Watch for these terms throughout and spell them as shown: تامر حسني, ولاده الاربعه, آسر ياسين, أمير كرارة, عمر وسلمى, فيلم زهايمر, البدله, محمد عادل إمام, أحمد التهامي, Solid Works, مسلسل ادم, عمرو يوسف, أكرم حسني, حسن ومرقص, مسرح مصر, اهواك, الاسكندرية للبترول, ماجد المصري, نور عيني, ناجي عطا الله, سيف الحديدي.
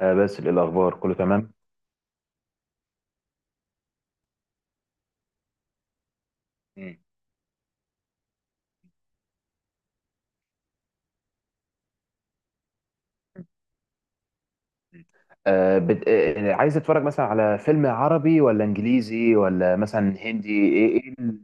آه بس الأخبار كله تمام. مم. آه بت... آه عايز تتفرج مثلا على فيلم عربي ولا إنجليزي ولا مثلا هندي، إيه؟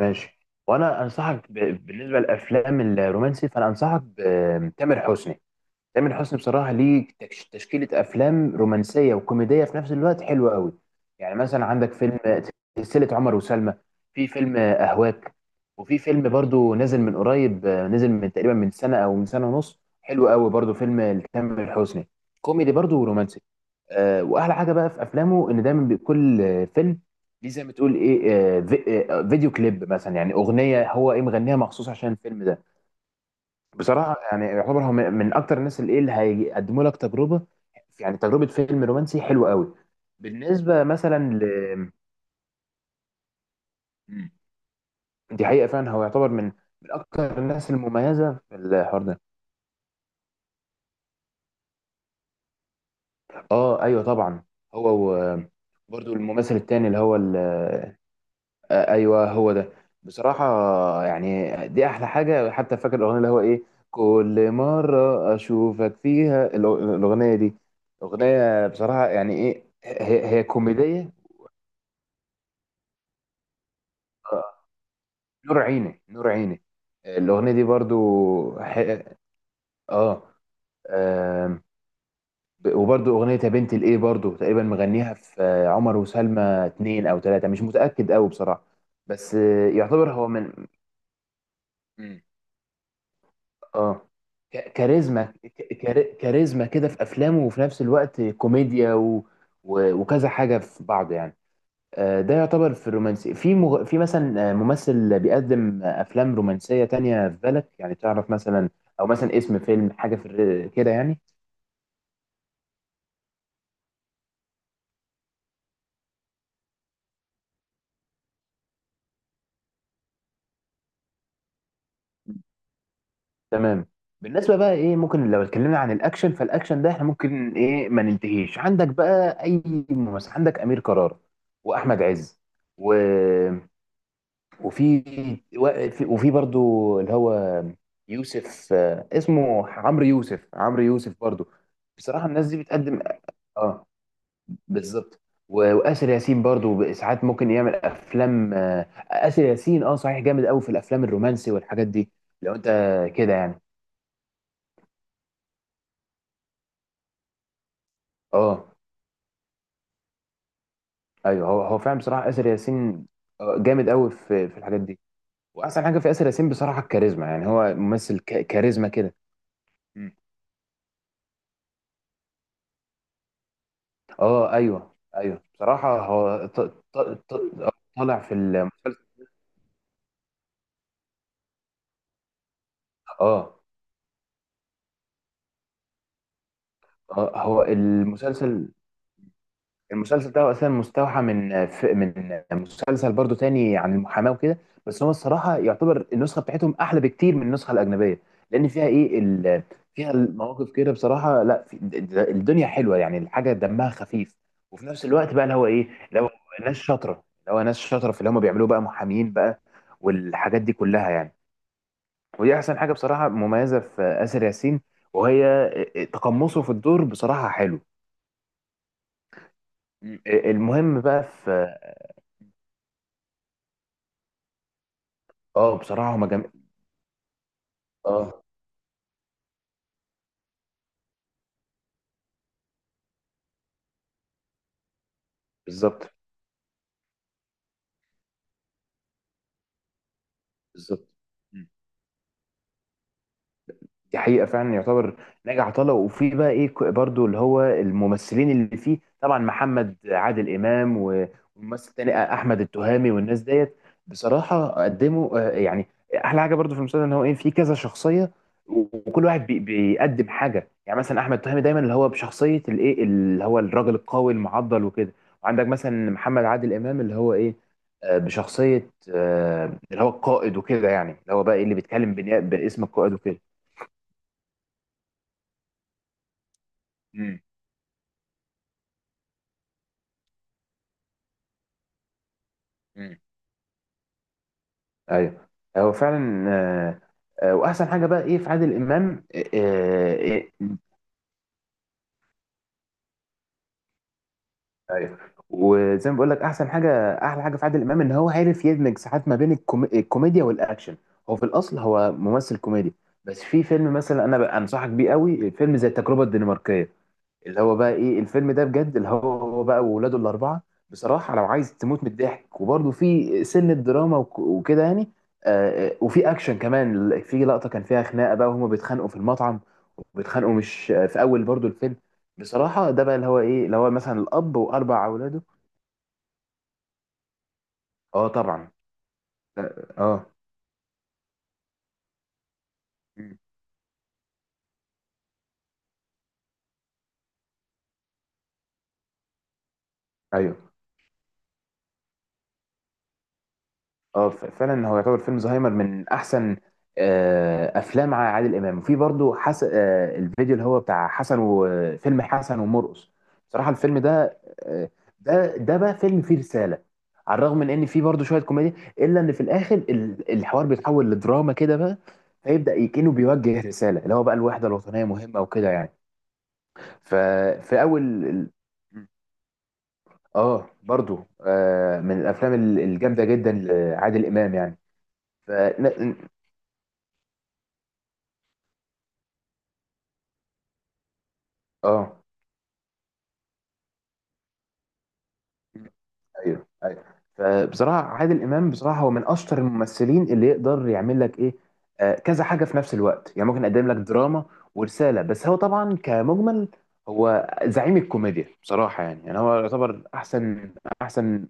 ماشي. بالنسبة للأفلام الرومانسي فأنا أنصحك بتامر حسني. تامر حسني بصراحه ليه تشكيله افلام رومانسيه وكوميديه في نفس الوقت حلوه قوي. يعني مثلا عندك فيلم سلسله عمر وسلمى، في فيلم اهواك، وفي فيلم برضو نزل من قريب، نزل من تقريبا من سنه او من سنه ونص، حلو قوي برضو فيلم لتامر حسني، كوميدي برضو ورومانسي. واحلى حاجه بقى في افلامه ان دايما بكل فيلم ليه زي ما تقول ايه فيديو كليب، مثلا يعني اغنيه هو ايه مغنيها مخصوص عشان الفيلم ده. بصراحة يعني يعتبر هو من أكتر الناس اللي إيه، اللي هيقدموا لك تجربة، يعني تجربة فيلم رومانسي حلوة قوي. بالنسبة مثلا مم. دي حقيقة، فعلا هو يعتبر من أكتر الناس المميزة في الحوار ده. أه أيوه طبعا. هو و- برضو الممثل التاني اللي هو. ايوه هو ده. بصراحه، يعني دي احلى حاجه. حتى فاكر الاغنيه اللي هو ايه، كل مره اشوفك فيها. الاغنيه دي اغنيه، بصراحه يعني ايه هي كوميديه. آه، نور عيني نور عيني، الاغنيه دي برضو. ح... اه آم، ب- وبرضو اغنيه يا بنت الايه برضو تقريبا مغنيها في عمر وسلمى 2 او 3، مش متاكد قوي بصراحه. بس يعتبر هو من. اه كاريزما كده في افلامه، وفي نفس الوقت كوميديا، وكذا حاجه في بعض يعني. ده يعتبر في الرومانسي، في في مثلا ممثل بيقدم افلام رومانسيه تانية في بالك، يعني تعرف مثلا، او مثلا اسم فيلم حاجه في كده يعني. تمام. بالنسبه بقى ايه، ممكن لو اتكلمنا عن الاكشن، فالاكشن ده احنا ممكن ايه ما ننتهيش، عندك بقى اي ممثل. عندك امير كرارة، واحمد عز، وفي وفي برضو اللي هو يوسف، اسمه عمرو يوسف، عمرو يوسف برضو. بصراحة الناس دي بتقدم. اه، بالظبط. وآسر ياسين برضو ساعات ممكن يعمل افلام. آسر ياسين صحيح جامد قوي في الافلام الرومانسي والحاجات دي. لو انت كده يعني. اه ايوه هو هو فعلا بصراحة آسر ياسين، جامد قوي في الحاجات دي. واحسن حاجة في آسر ياسين بصراحة الكاريزما، يعني هو ممثل كاريزما كده. اه ايوه ايوه، بصراحه هو ط- طالع في المسلسل. اه، هو المسلسل ده هو اساسا مستوحى من مسلسل برضو تاني عن المحاماه وكده. بس هو الصراحه يعتبر النسخه بتاعتهم احلى بكتير من النسخه الاجنبيه، لان فيها ايه فيها المواقف كده بصراحه. لا، الدنيا حلوه يعني، الحاجه دمها خفيف. وفي نفس الوقت بقى اللي هو ايه، اللي هو ناس شاطره في اللي هم بيعملوه بقى محامين بقى، والحاجات دي كلها يعني. ودي احسن حاجه بصراحه مميزه في اسر ياسين، وهي تقمصه في الدور بصراحه حلو. المهم بقى في. اه بصراحه هما اه، بالظبط بالظبط. دي حقيقة فعلا، يعتبر ناجي عطا الله، وفي بقى ايه برضو اللي هو الممثلين اللي فيه طبعا محمد عادل إمام، وممثل تاني أحمد التهامي والناس ديت. بصراحة قدموا، يعني أحلى حاجة برضو في المسلسل، إن هو ايه فيه كذا شخصية. وكل واحد بيقدم حاجة، يعني مثلا أحمد التهامي دايما اللي هو بشخصية الايه، اللي هو الراجل القوي المعضل وكده. وعندك مثلا محمد عادل إمام اللي هو ايه، بشخصية اللي هو القائد وكده. يعني اللي هو بقى إيه، اللي بيتكلم باسم القائد وكده. مم. مم. ايوه. هو فعلا، واحسن حاجه بقى ايه في عادل امام آه، آه، إيه، ايوه، وزي ما بقول لك احسن حاجه، احلى حاجه في عادل امام ان هو عارف يدمج ساعات ما بين الكوميديا والاكشن. هو في الاصل هو ممثل كوميدي. بس في فيلم مثلا انا بقى انصحك بيه قوي، فيلم زي التجربه الدنماركيه، اللي هو بقى ايه الفيلم ده بجد، اللي هو بقى وولاده الاربعه. بصراحه لو عايز تموت من الضحك، وبرده في سنه دراما وكده يعني. وفي اكشن كمان، في لقطه كان فيها خناقه بقى وهما بيتخانقوا في المطعم. وبيتخانقوا مش في اول برضو الفيلم. بصراحه ده بقى اللي هو ايه، اللي هو مثلا الاب واربع اولاده. اه طبعا. اه آه. مم. ايوه. اه، فعلا هو يعتبر فيلم زهايمر من احسن افلام عادل امام. وفي برضو حس... آه، الفيديو اللي هو بتاع حسن، وفيلم حسن ومرقص. بصراحه الفيلم ده، آه، ده بقى فيلم فيه رساله، على الرغم من ان فيه برضو شويه كوميديا، الا ان في الاخر الحوار بيتحول لدراما كده بقى. فيبدا يكنه بيوجه رساله اللي هو بقى الوحده الوطنيه مهمه وكده يعني. ففي اول ال- اه، برضو من الافلام الجامده جدا لعادل امام يعني. اه، ايوه ايوه. فبصراحه عادل امام بصراحه هو من اشطر الممثلين، اللي يقدر يعمل لك ايه كذا حاجه في نفس الوقت، يعني ممكن يقدم لك دراما ورساله، بس هو طبعا كمجمل هو زعيم الكوميديا بصراحه، يعني هو يعتبر احسن احسن.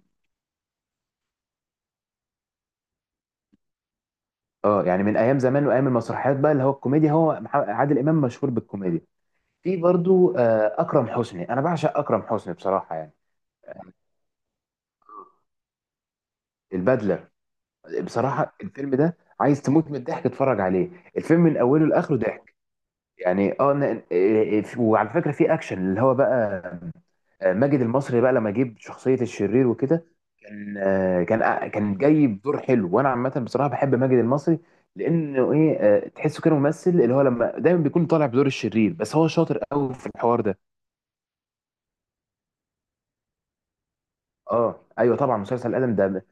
اه، يعني من ايام زمان وايام المسرحيات بقى، اللي هو الكوميديا، هو عادل امام مشهور بالكوميديا. في برضو اكرم حسني، انا بعشق اكرم حسني بصراحه يعني. البدله. بصراحة الفيلم ده عايز تموت من الضحك تتفرج عليه. الفيلم من أوله لآخره ضحك. يعني اه ن- إيه، إيه، وعلى فكرة، في أكشن اللي هو بقى ماجد المصري بقى، لما جيب شخصية الشرير وكده. كان جاي بدور حلو. وأنا عامة بصراحة بحب ماجد المصري، لأنه إيه تحسه كده ممثل، اللي هو لما دايما بيكون طالع بدور الشرير، بس هو شاطر قوي في الحوار ده. اه ايوه طبعا، مسلسل ادم ده.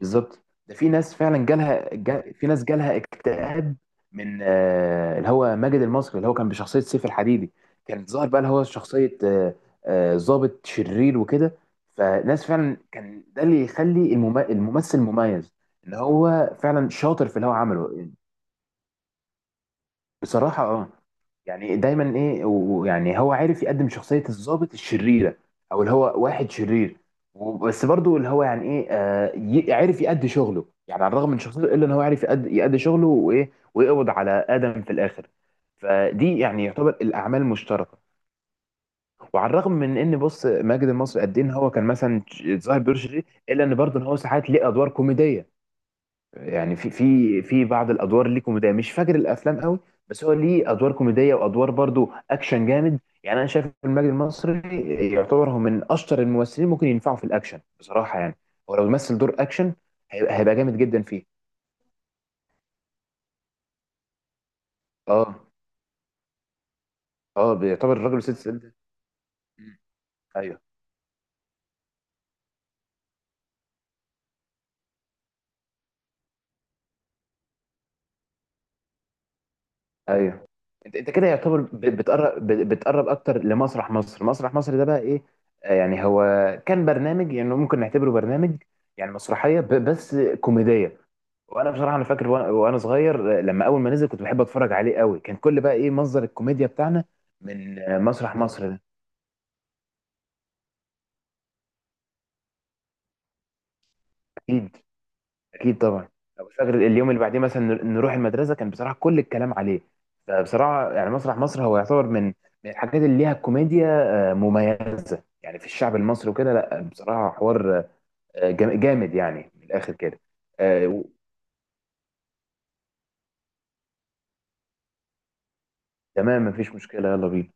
بالظبط. ده في ناس فعلا في ناس جالها اكتئاب من اللي هو ماجد المصري، اللي هو كان بشخصية سيف الحديدي. كان ظاهر بقى اللي هو شخصية ضابط شرير وكده. فناس فعلا كان ده اللي يخلي الممثل مميز، ان هو فعلا شاطر في اللي هو عمله. بصراحة، يعني دايما ايه، ويعني هو عارف يقدم شخصية الضابط الشريرة، او اللي هو واحد شرير. بس برضو اللي هو يعني ايه عارف يأدي شغله، يعني على الرغم من شخصيته الا ان هو عارف يأدي شغله وايه، ويقبض على آدم في الاخر. فدي يعني يعتبر الاعمال المشتركة. وعلى الرغم من ان بص ماجد المصري قد ايه، ان هو كان مثلا ظاهر بدور شرير، الا ان برضه ان هو ساعات ليه ادوار كوميدية. يعني في بعض الادوار اللي كوميديه، مش فاكر الافلام قوي. بس هو ليه ادوار كوميديه، وادوار برضو اكشن جامد. يعني انا شايف إن المجد المصري يعتبر هو من اشطر الممثلين، ممكن ينفعوا في الاكشن بصراحه يعني. هو لو مثل دور اكشن، هيبقى جامد جدا فيه. اه اه، بيعتبر الراجل وست ست ايوه ايوه. انت كده يعتبر بتقرب اكتر لمسرح مصر. مسرح مصر ده بقى ايه. يعني هو كان برنامج، يعني ممكن نعتبره برنامج، يعني مسرحيه بس كوميديه. وانا بصراحه انا فاكر، وأنا صغير، لما اول ما نزل كنت بحب اتفرج عليه قوي، كان كل بقى ايه مصدر الكوميديا بتاعنا من مسرح مصر ده. اكيد. اكيد طبعا. أبقى فاكر اليوم اللي بعديه، مثلا نروح المدرسه، كان بصراحه كل الكلام عليه. فبصراحه يعني مسرح مصر هو يعتبر من الحاجات اللي ليها كوميديا مميزه يعني في الشعب المصري وكده. لا بصراحه حوار جامد يعني من الاخر كده. آه، و- تمام، مفيش مشكله، يلا بينا.